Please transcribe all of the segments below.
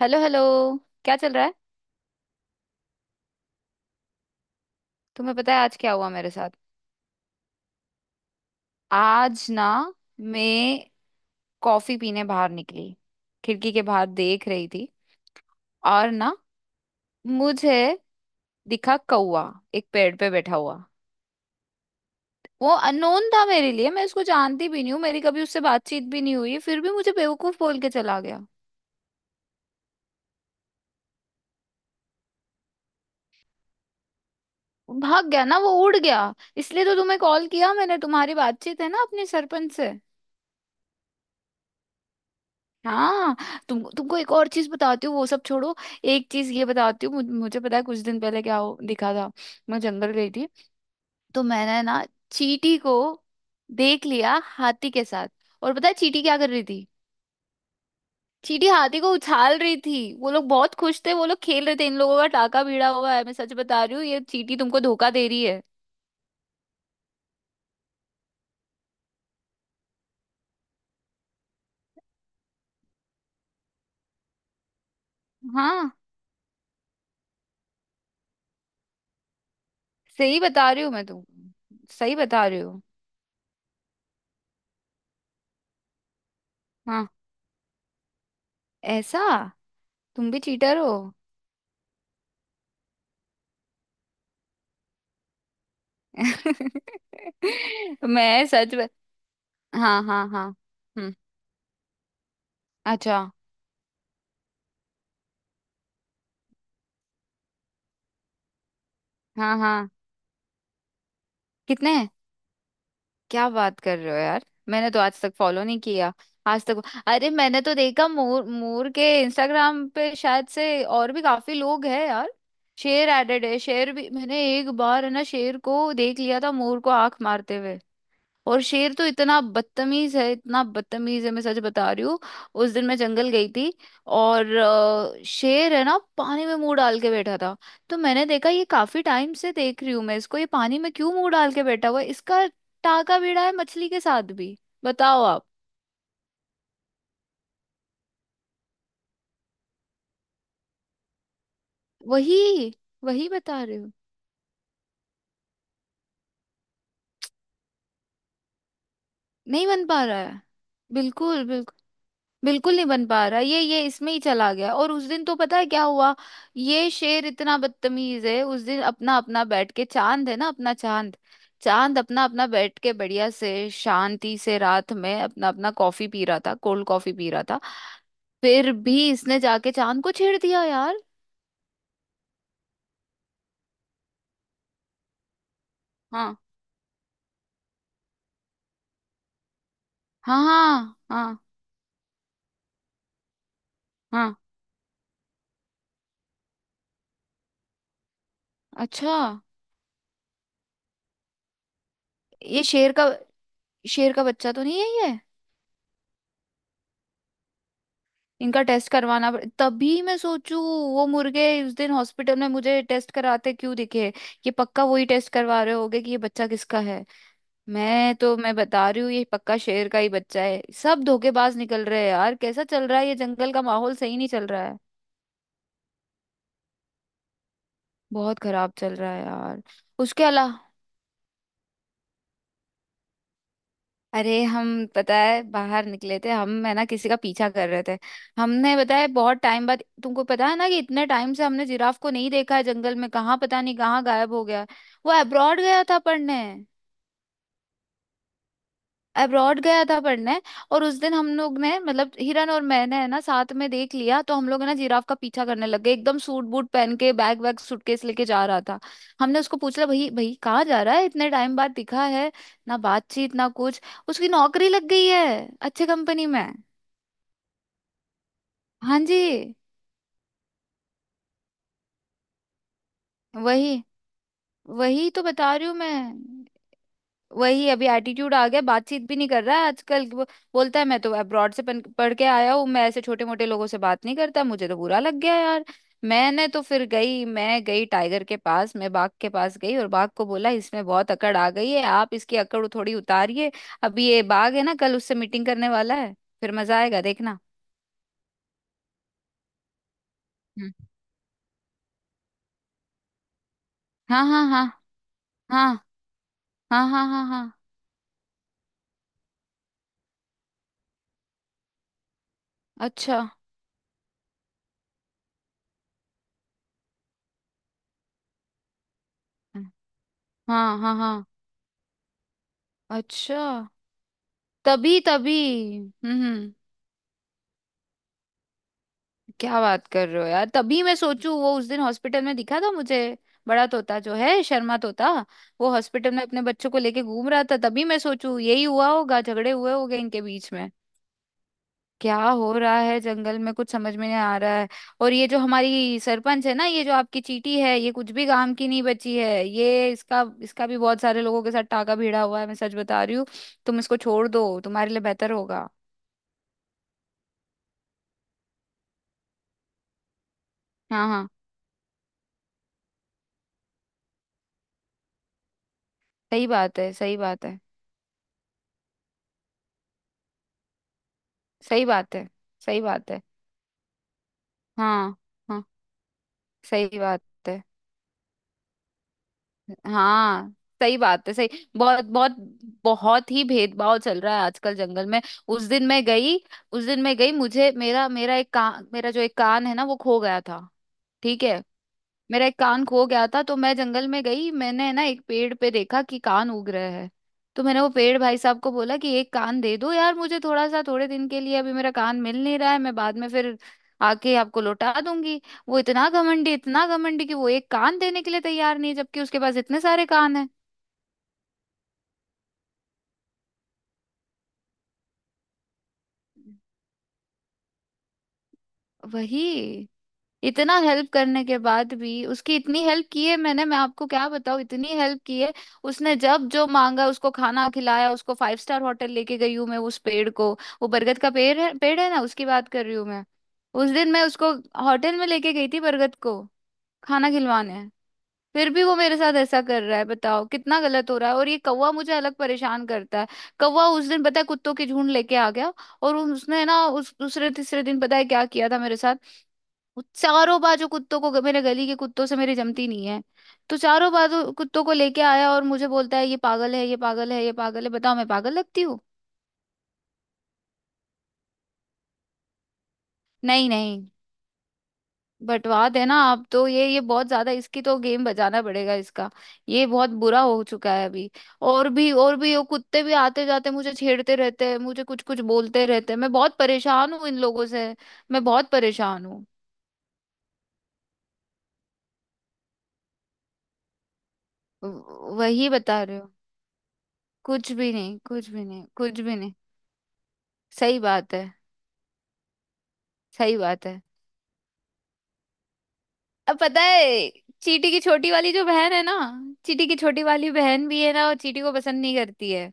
Hello hello. क्या चल रहा है? तुम्हें पता है आज क्या हुआ मेरे साथ? आज ना मैं कॉफी पीने बाहर निकली। खिड़की के बाहर देख रही थी, और ना मुझे दिखा कौवा, एक पेड़ पे बैठा हुआ। वो अननोन था मेरे लिए, मैं उसको जानती भी नहीं हूँ, मेरी कभी उससे बातचीत भी नहीं हुई, फिर भी मुझे बेवकूफ बोल के चला गया। वो भाग गया ना, वो उड़ गया। इसलिए तो तुम्हें कॉल किया मैंने। तुम्हारी बातचीत है ना अपने सरपंच से? हाँ। तुमको एक और चीज बताती हूँ, वो सब छोड़ो। एक चीज ये बताती हूँ, मुझे पता है कुछ दिन पहले दिखा था। मैं जंगल गई थी। तो मैंने ना चींटी को देख लिया हाथी के साथ। और पता है चींटी क्या कर रही थी? चींटी हाथी को उछाल रही थी, वो लोग बहुत खुश थे, वो लोग खेल रहे थे। इन लोगों का टाका भिड़ा हुआ है, मैं सच बता रही हूँ। ये चींटी तुमको धोखा दे रही है। हाँ, सही बता रही हूँ मैं, तुमको सही बता रही हूँ। हाँ। ऐसा। तुम भी चीटर हो। मैं सच बत... हाँ हाँ हाँ। हम्म। अच्छा। हाँ हाँ। कितने हैं? क्या बात कर रहे हो यार! मैंने तो आज तक फॉलो नहीं किया। आज तक। अरे मैंने तो देखा, मोर मोर के इंस्टाग्राम पे शायद से और भी काफी लोग हैं यार। शेर एडेड है। शेर भी मैंने एक बार है ना, शेर को देख लिया था मोर को आंख मारते हुए। और शेर तो इतना बदतमीज है, इतना बदतमीज है, मैं सच बता रही हूँ। उस दिन मैं जंगल गई थी। और शेर है ना पानी में मुंह डाल के बैठा था। तो मैंने देखा, ये काफी टाइम से देख रही हूँ मैं इसको, ये पानी में क्यों मुंह डाल के बैठा हुआ है? इसका टाका भिड़ा है मछली के साथ भी। बताओ आप। वही। वही बता रही हूँ। नहीं बन पा रहा है। बिल्कुल। बिल्कुल नहीं बन पा रहा, ये इसमें ही चला गया। और उस दिन तो पता है क्या हुआ। ये शेर इतना बदतमीज है। उस दिन अपना अपना बैठ के चांद है ना, अपना चांद, चांद अपना अपना बैठ के बढ़िया से शांति से रात में अपना अपना कॉफी पी रहा था, कोल्ड कॉफी पी रहा था। फिर भी इसने जाके चांद को छेड़ दिया यार। हाँ हाँ हाँ हाँ। हाँ। अच्छा। ये शेर का, शेर का बच्चा तो नहीं है ये? इनका टेस्ट तभी मैं सोचू, वो मुर्गे उस दिन हॉस्पिटल में मुझे टेस्ट कराते क्यों दिखे। ये पक्का वही टेस्ट करवा रहे होगे कि ये बच्चा किसका है। मैं बता रही हूँ, ये पक्का शेर का ही बच्चा है। सब धोखेबाज निकल रहे हैं यार। कैसा चल रहा है ये, जंगल का माहौल सही नहीं चल रहा है। बहुत खराब चल रहा है यार। उसके अलावा अरे हम, पता है बाहर निकले थे हम है ना, किसी का पीछा कर रहे थे। हमने पता है बहुत टाइम बाद, तुमको पता है ना कि इतने टाइम से हमने जिराफ को नहीं देखा है जंगल में, कहाँ पता नहीं कहाँ गायब हो गया। वो अब्रॉड गया था पढ़ने। अब्रॉड गया था पढ़ने। और उस दिन हम लोग ने, मतलब हिरन और मैंने है ना साथ में देख लिया, तो हम लोग है ना जिराफ का पीछा करने लग गए। एकदम सूट बूट पहन के बैग वैग सूटकेस लेके जा रहा था। हमने उसको पूछ लिया, भाई भाई कहाँ जा रहा है, इतने टाइम बाद दिखा है, ना बातचीत ना कुछ। उसकी नौकरी लग गई है अच्छे कंपनी में। हाँ जी। वही। वही तो बता रही हूँ मैं। वही, अभी एटीट्यूड आ गया, बातचीत भी नहीं कर रहा है आजकल वो। बोलता है मैं तो अब्रॉड से पढ़ के आया हूँ, मैं ऐसे छोटे मोटे लोगों से बात नहीं करता। मुझे तो बुरा लग गया यार। मैं गई टाइगर के पास, मैं बाघ के पास गई, और बाघ को बोला इसमें बहुत अकड़ आ गई है, आप इसकी अकड़ थोड़ी उतारिए। अभी ये बाघ है ना कल उससे मीटिंग करने वाला है। फिर मजा आएगा देखना। हम्म, हाँ हाँ हाँ हाँ हाँ हाँ हाँ हाँ। अच्छा। हाँ हाँ हाँ। अच्छा। तभी तभी। हम्म हम्म। क्या बात कर रहे हो यार, तभी मैं सोचूं वो उस दिन हॉस्पिटल में दिखा था मुझे। बड़ा तोता जो है, शर्मा तोता। वो हॉस्पिटल में अपने बच्चों को लेके घूम रहा था, तभी मैं सोचूं यही हुआ होगा, झगड़े हुए होंगे इनके बीच में। क्या हो रहा है जंगल में, कुछ समझ में नहीं आ रहा है। और ये जो हमारी सरपंच है ना, ये जो आपकी चीटी है, ये कुछ भी काम की नहीं बची है, ये इसका इसका भी बहुत सारे लोगों के साथ टाका भिड़ा हुआ है, मैं सच बता रही हूँ। तुम इसको छोड़ दो, तुम्हारे लिए बेहतर होगा। हाँ हाँ। सही बात है, सही बात है। सही बात है। सही बात है। हाँ। हाँ। सही बात है। हाँ। सही बात है। सही। बहुत बहुत। बहुत ही भेदभाव चल रहा है आजकल जंगल में। उस दिन मैं गई। उस दिन मैं गई, मुझे मेरा मेरा एक कान, मेरा जो एक कान है ना वो खो गया था। ठीक है। मेरा एक कान खो गया था, तो मैं जंगल में गई, मैंने ना एक पेड़ पे देखा कि कान उग रहा है। तो मैंने वो पेड़ भाई साहब को बोला कि एक कान दे दो यार मुझे, थोड़ा सा थोड़े दिन के लिए, अभी मेरा कान मिल नहीं रहा है, मैं बाद में फिर आके आपको लौटा दूंगी। वो इतना घमंडी, इतना घमंडी कि वो एक कान देने के लिए तैयार नहीं है, जबकि उसके पास इतने सारे कान है। वही। इतना हेल्प करने के बाद भी, उसकी इतनी हेल्प की है मैंने, मैं आपको क्या बताऊँ, इतनी हेल्प की है। उसने जब जो मांगा उसको खाना खिलाया, उसको फाइव स्टार होटल लेके गई हूँ मैं उस पेड़ को। वो बरगद का पेड़ है, पेड़ है ना, उसकी बात कर रही हूँ मैं। उस दिन मैं उसको होटल में लेके गई थी, बरगद को खाना खिलवाने। फिर भी वो मेरे साथ ऐसा कर रहा है, बताओ कितना गलत हो रहा है। और ये कौवा मुझे अलग परेशान करता है। कौवा उस दिन पता है कुत्तों के झुंड लेके आ गया। और उसने ना उस दूसरे तीसरे दिन पता है क्या किया था मेरे साथ। वो चारों बाजू कुत्तों को, मेरे गली के कुत्तों से मेरी जमती नहीं है, तो चारों बाजू कुत्तों को लेके आया और मुझे बोलता है ये पागल है, ये पागल है, ये पागल है। बताओ मैं पागल लगती हूँ? नहीं नहीं। बंटवा देना आप तो, ये बहुत ज्यादा, इसकी तो गेम बजाना पड़ेगा इसका। ये बहुत बुरा हो चुका है अभी। और भी, और भी वो कुत्ते भी आते जाते मुझे छेड़ते रहते हैं, मुझे कुछ कुछ बोलते रहते हैं, मैं बहुत परेशान हूँ इन लोगों से। मैं बहुत परेशान हूँ। वही बता रही हूँ। कुछ भी नहीं, कुछ भी नहीं, कुछ भी नहीं। सही बात है। सही बात है। अब पता है, चीटी की छोटी वाली जो बहन है ना, चीटी की छोटी वाली बहन भी है ना, वो चीटी को पसंद नहीं करती है।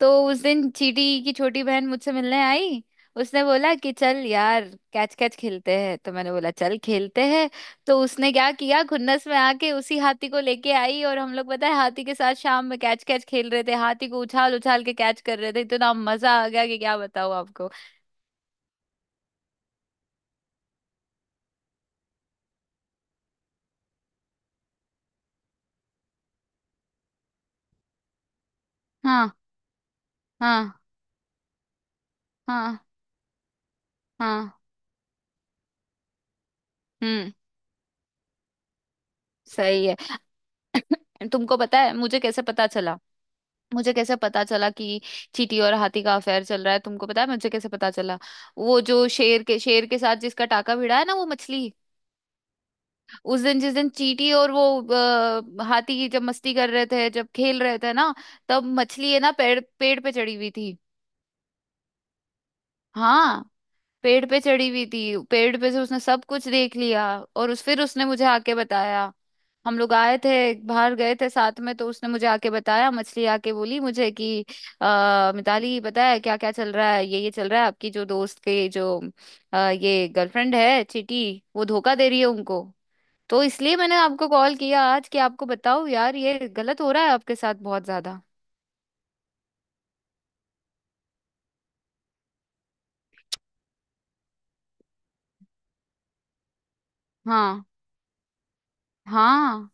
तो उस दिन चीटी की छोटी बहन मुझसे मिलने आई। उसने बोला कि चल यार कैच कैच खेलते हैं, तो मैंने बोला चल खेलते हैं। तो उसने क्या किया, खुन्नस में आके उसी हाथी को लेके आई, और हम लोग पता है हाथी के साथ शाम में कैच कैच खेल रहे थे, हाथी को उछाल उछाल के कैच कर रहे थे, इतना मजा आ गया कि क्या बताऊं आपको। हाँ हाँ हाँ हाँ। हम्म। सही है। तुमको पता है मुझे कैसे पता चला? मुझे कैसे पता चला कि चींटी और हाथी का अफेयर चल रहा है, तुमको पता है मुझे कैसे पता चला? वो जो शेर के साथ जिसका टाका भिड़ा है ना, वो मछली। उस दिन जिस दिन चींटी और वो हाथी जब मस्ती कर रहे थे, जब खेल रहे थे ना, तब मछली है ना पेड़ पेड़ पे चढ़ी हुई थी। हाँ। पेड़ पे चढ़ी हुई थी, पेड़ पे से उसने सब कुछ देख लिया, और उस फिर उसने मुझे आके बताया। हम लोग आए थे, बाहर गए थे साथ में, तो उसने मुझे आके बताया, मछली आके बोली मुझे कि मिताली पता है क्या क्या चल रहा है, ये चल रहा है, आपकी जो दोस्त के जो ये गर्लफ्रेंड है चीटी, वो धोखा दे रही है उनको। तो इसलिए मैंने आपको कॉल किया आज कि आपको बताओ यार, ये गलत हो रहा है आपके साथ बहुत ज्यादा। हाँ हाँ।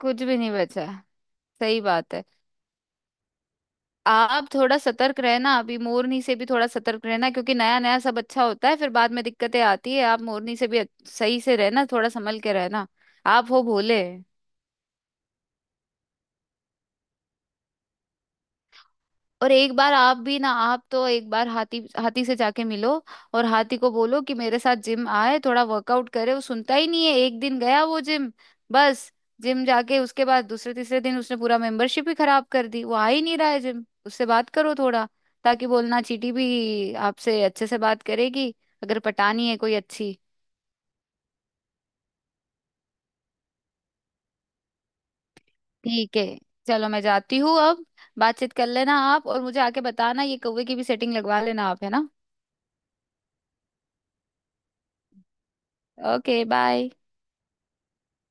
कुछ भी नहीं बचा है। सही बात है। आप थोड़ा सतर्क रहना, अभी मोरनी से भी थोड़ा सतर्क रहना, क्योंकि नया नया सब अच्छा होता है फिर बाद में दिक्कतें आती है, आप मोरनी से भी सही से रहना, थोड़ा संभल के रहना। आप हो भोले। और एक बार आप भी ना, आप तो एक बार हाथी हाथी से जाके मिलो, और हाथी को बोलो कि मेरे साथ जिम आए, थोड़ा वर्कआउट करे। वो सुनता ही नहीं है, एक दिन गया वो जिम, बस। जिम जाके उसके बाद दूसरे तीसरे दिन उसने पूरा मेंबरशिप ही खराब कर दी, वो आ ही नहीं रहा है जिम, उससे बात करो थोड़ा, ताकि बोलना चींटी भी आपसे अच्छे से बात करेगी अगर पटानी है कोई अच्छी। ठीक है, चलो मैं जाती हूँ अब। बातचीत कर लेना आप और मुझे आके बताना, ये कौवे की भी सेटिंग लगवा लेना आप, है ना। Okay bye.